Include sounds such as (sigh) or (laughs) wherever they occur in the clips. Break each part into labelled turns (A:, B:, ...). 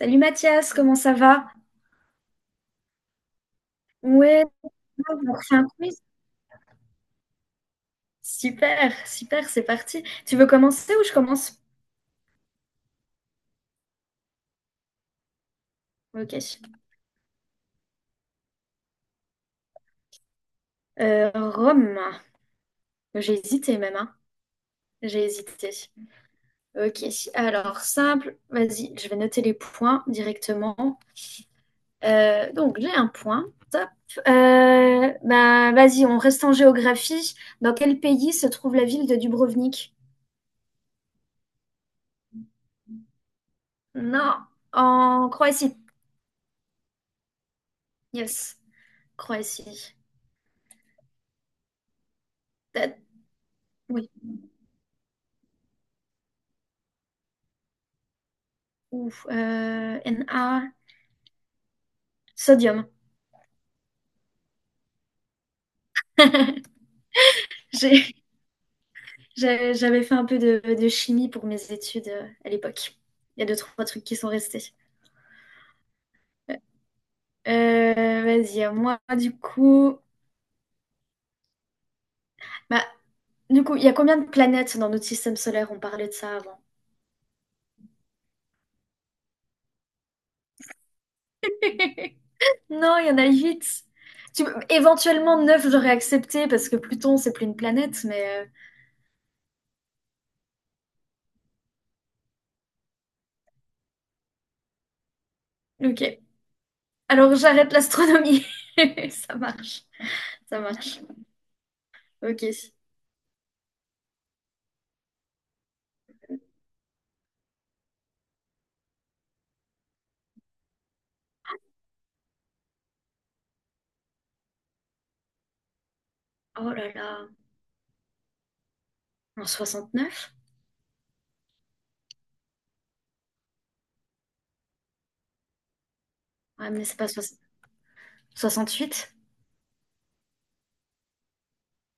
A: Salut Mathias, comment ça va? Ouais, on refait un quiz. Super, super, c'est parti. Tu veux commencer ou je commence? Ok. Rome. J'ai hésité même, hein. J'ai hésité. Ok, alors simple, vas-y, je vais noter les points directement. Donc j'ai un point, top. Bah, vas-y, on reste en géographie. Dans quel pays se trouve la ville de Dubrovnik? Non, en Croatie. Yes, Croatie. Peut-être- Oui. Ou Na, sodium. (laughs) J'ai- J'avais fait un peu de chimie pour mes études à l'époque. Il y a deux, trois trucs qui sont restés. Vas-y, à moi, du coup. Bah, du coup, il y a combien de planètes dans notre système solaire? On parlait de ça avant. (laughs) Non, il y en a huit. Tu- Éventuellement neuf, j'aurais accepté parce que Pluton, c'est plus une planète, mais ok. Alors j'arrête l'astronomie. (laughs) Ça marche, ça marche. Ok. Oh là là, en soixante neuf. Ouais, mais c'est pas soix- huit.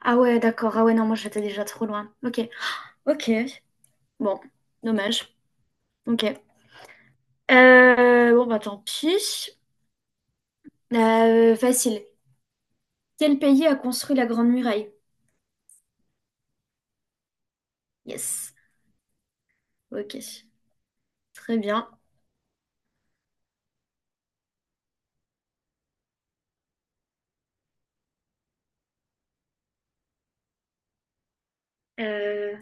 A: Ah ouais, d'accord. Ah ouais, non, moi j'étais déjà trop loin. Ok. Ok. Bon, dommage. Ok. Bon, bah tant pis. Facile. Quel pays a construit la Grande Muraille? Yes. Ok. Très bien. Euh,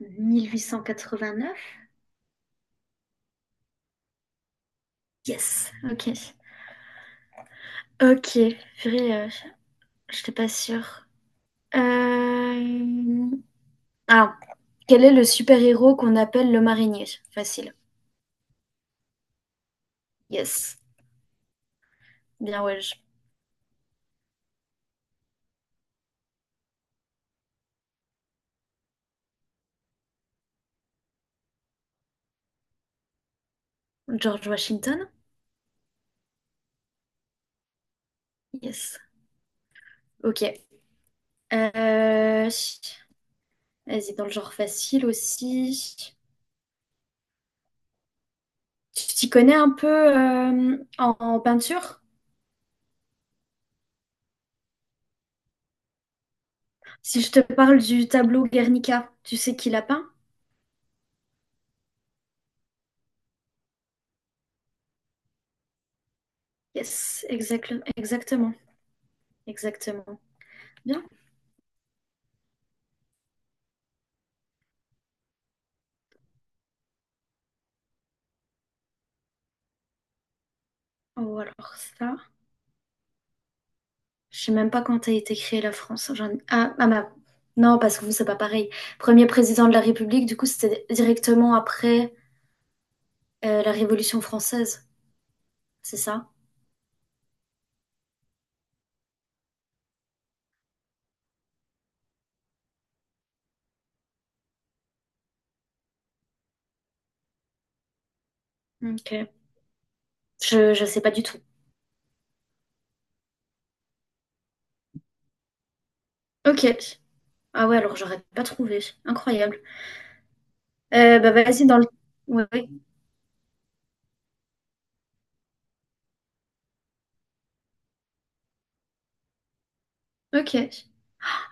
A: 1889? Yes. Ok. Ok. Purée, j'étais pas sûre. Euh... Ah. Quel est le super-héros qu'on appelle le marinier? Facile. Yes. Bien, ouais. George Washington? Yes. Ok. Euh, Vas-y, dans le genre facile aussi. Tu t'y connais un peu en, en peinture? Si je te parle du tableau Guernica, tu sais qui l'a peint? Yes, exactement, exactement, exactement. Bien. Oh, alors ça, je sais même pas quand a été créée la France. J'en- Ah, ah bah, non, parce que vous, c'est pas pareil. Premier président de la République, du coup, c'était directement après la Révolution française, c'est ça? Ok. Je sais pas du tout. Ok. Ah ouais, alors j'aurais pas trouvé. Incroyable. Bah vas-y dans le. Ouais. Ouais. Ok.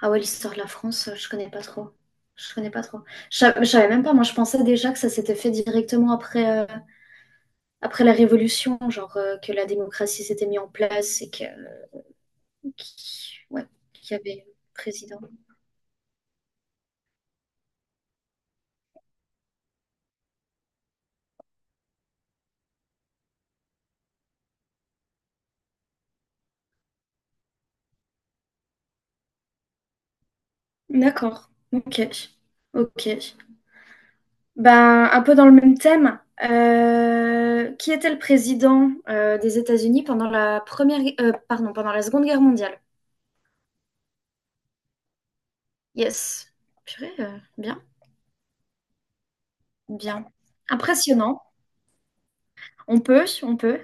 A: Ah ouais, l'histoire de la France, je connais pas trop. Je connais pas trop. Je sa- je savais même pas. Moi, je pensais déjà que ça s'était fait directement après, après la Révolution, genre que la démocratie s'était mise en place et que, qui- ouais, qu'il y avait un président. D'accord. Ok. Ok. Ben, un peu dans le même thème, qui était le président des États-Unis pendant la première, gue- pardon, pendant la Seconde Guerre mondiale? Yes. Purée, bien, bien. Impressionnant. On peut, on peut.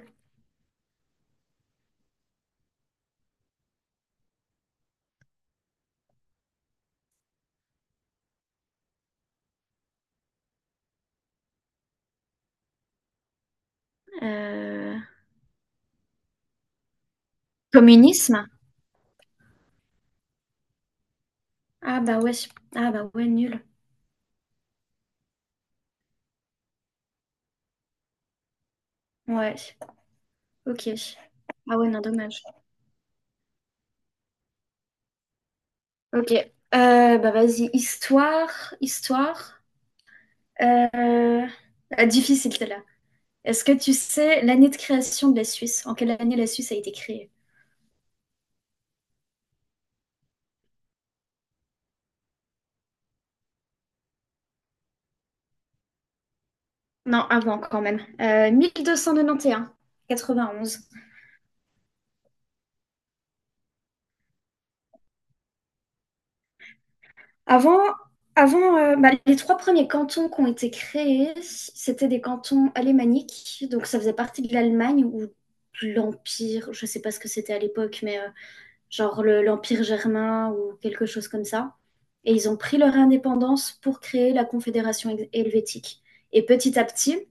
A: Euh, communisme? Ah bah ouais, ah bah ouais, nul. Ouais, ok. Ah ouais, non, dommage. Ok. Bah vas-y, histoire, histoire. Euh, ah, difficile, celle-là. Est-ce que tu sais l'année de création de la Suisse? En quelle année la Suisse a été créée? Non, avant quand même. Vingt onze. Avant, avant bah, les trois premiers cantons qui ont été créés, c'était des cantons alémaniques, donc ça faisait partie de l'Allemagne ou de l'Empire, je ne sais pas ce que c'était à l'époque, mais genre le- l'Empire germain ou quelque chose comme ça. Et ils ont pris leur indépendance pour créer la Confédération hel- helvétique. Et petit à petit,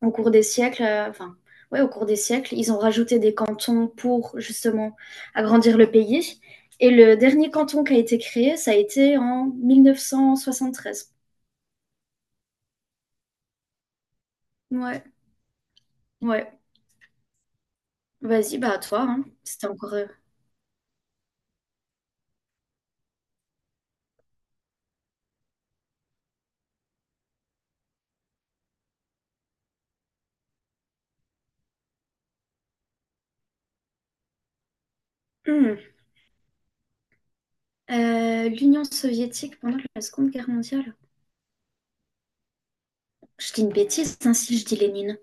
A: au cours des siècles, enfin, ouais, au cours des siècles, ils ont rajouté des cantons pour justement agrandir le pays. Et le dernier canton qui a été créé, ça a été en 1973. Ouais, ouais. Vas-y, bah à toi, hein. C'était encore. Hmm. L'Union soviétique pendant la Seconde Guerre mondiale. Je dis une bêtise, hein, si je dis Lénine.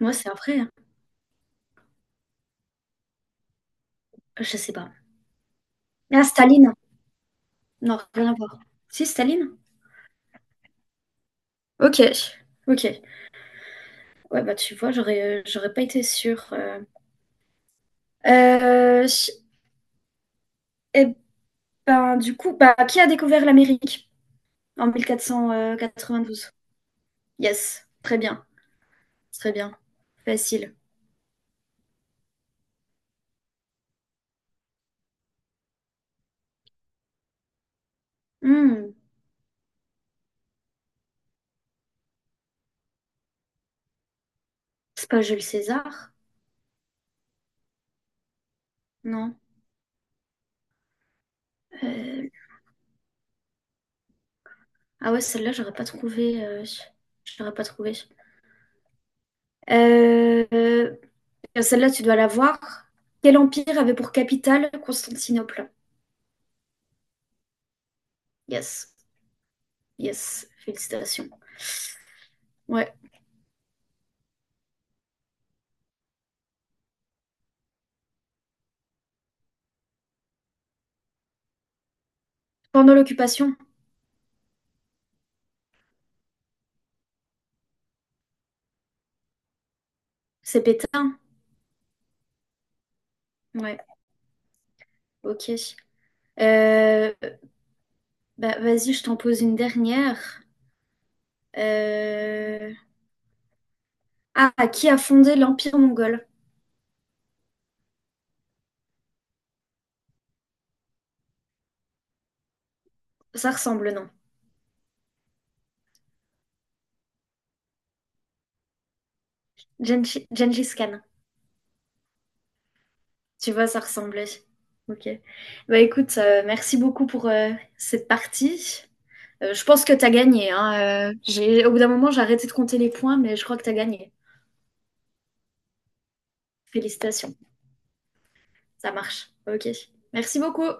A: Moi, c'est un vrai. Hein. Je sais pas. Ah, Staline. Non, rien à voir. Si, Staline? Ok, ok. Ouais, bah tu vois, j'aurais, j'aurais pas été sûre. Euh, et ben, du coup, bah, qui a découvert l'Amérique en mille quatre quatre-vingt-douze? Cent quatre-vingt-douze? Yes, très bien, facile. Hmm, c'est pas Jules César? Non. Euh, ah ouais, celle-là, j'aurais pas trouvé. J'aurais pas trouvé. Euh, euh, Celle-là, tu dois la voir. Quel empire avait pour capitale Constantinople? Yes, yes, félicitations. Ouais. Pendant l'occupation, c'est Pétain. Ouais, ok. Euh, Bah, vas-y, je t'en pose une dernière. Euh, Ah, qui a fondé l'Empire mongol? Ça ressemble, non? Genghis Gengis Khan. Tu vois, ça ressemblait. Ok. Bah écoute, merci beaucoup pour cette partie. Je pense que t'as gagné, hein. J'ai... Au bout d'un moment, j'ai arrêté de compter les points, mais je crois que t'as gagné. Félicitations. Ça marche. Ok. Merci beaucoup.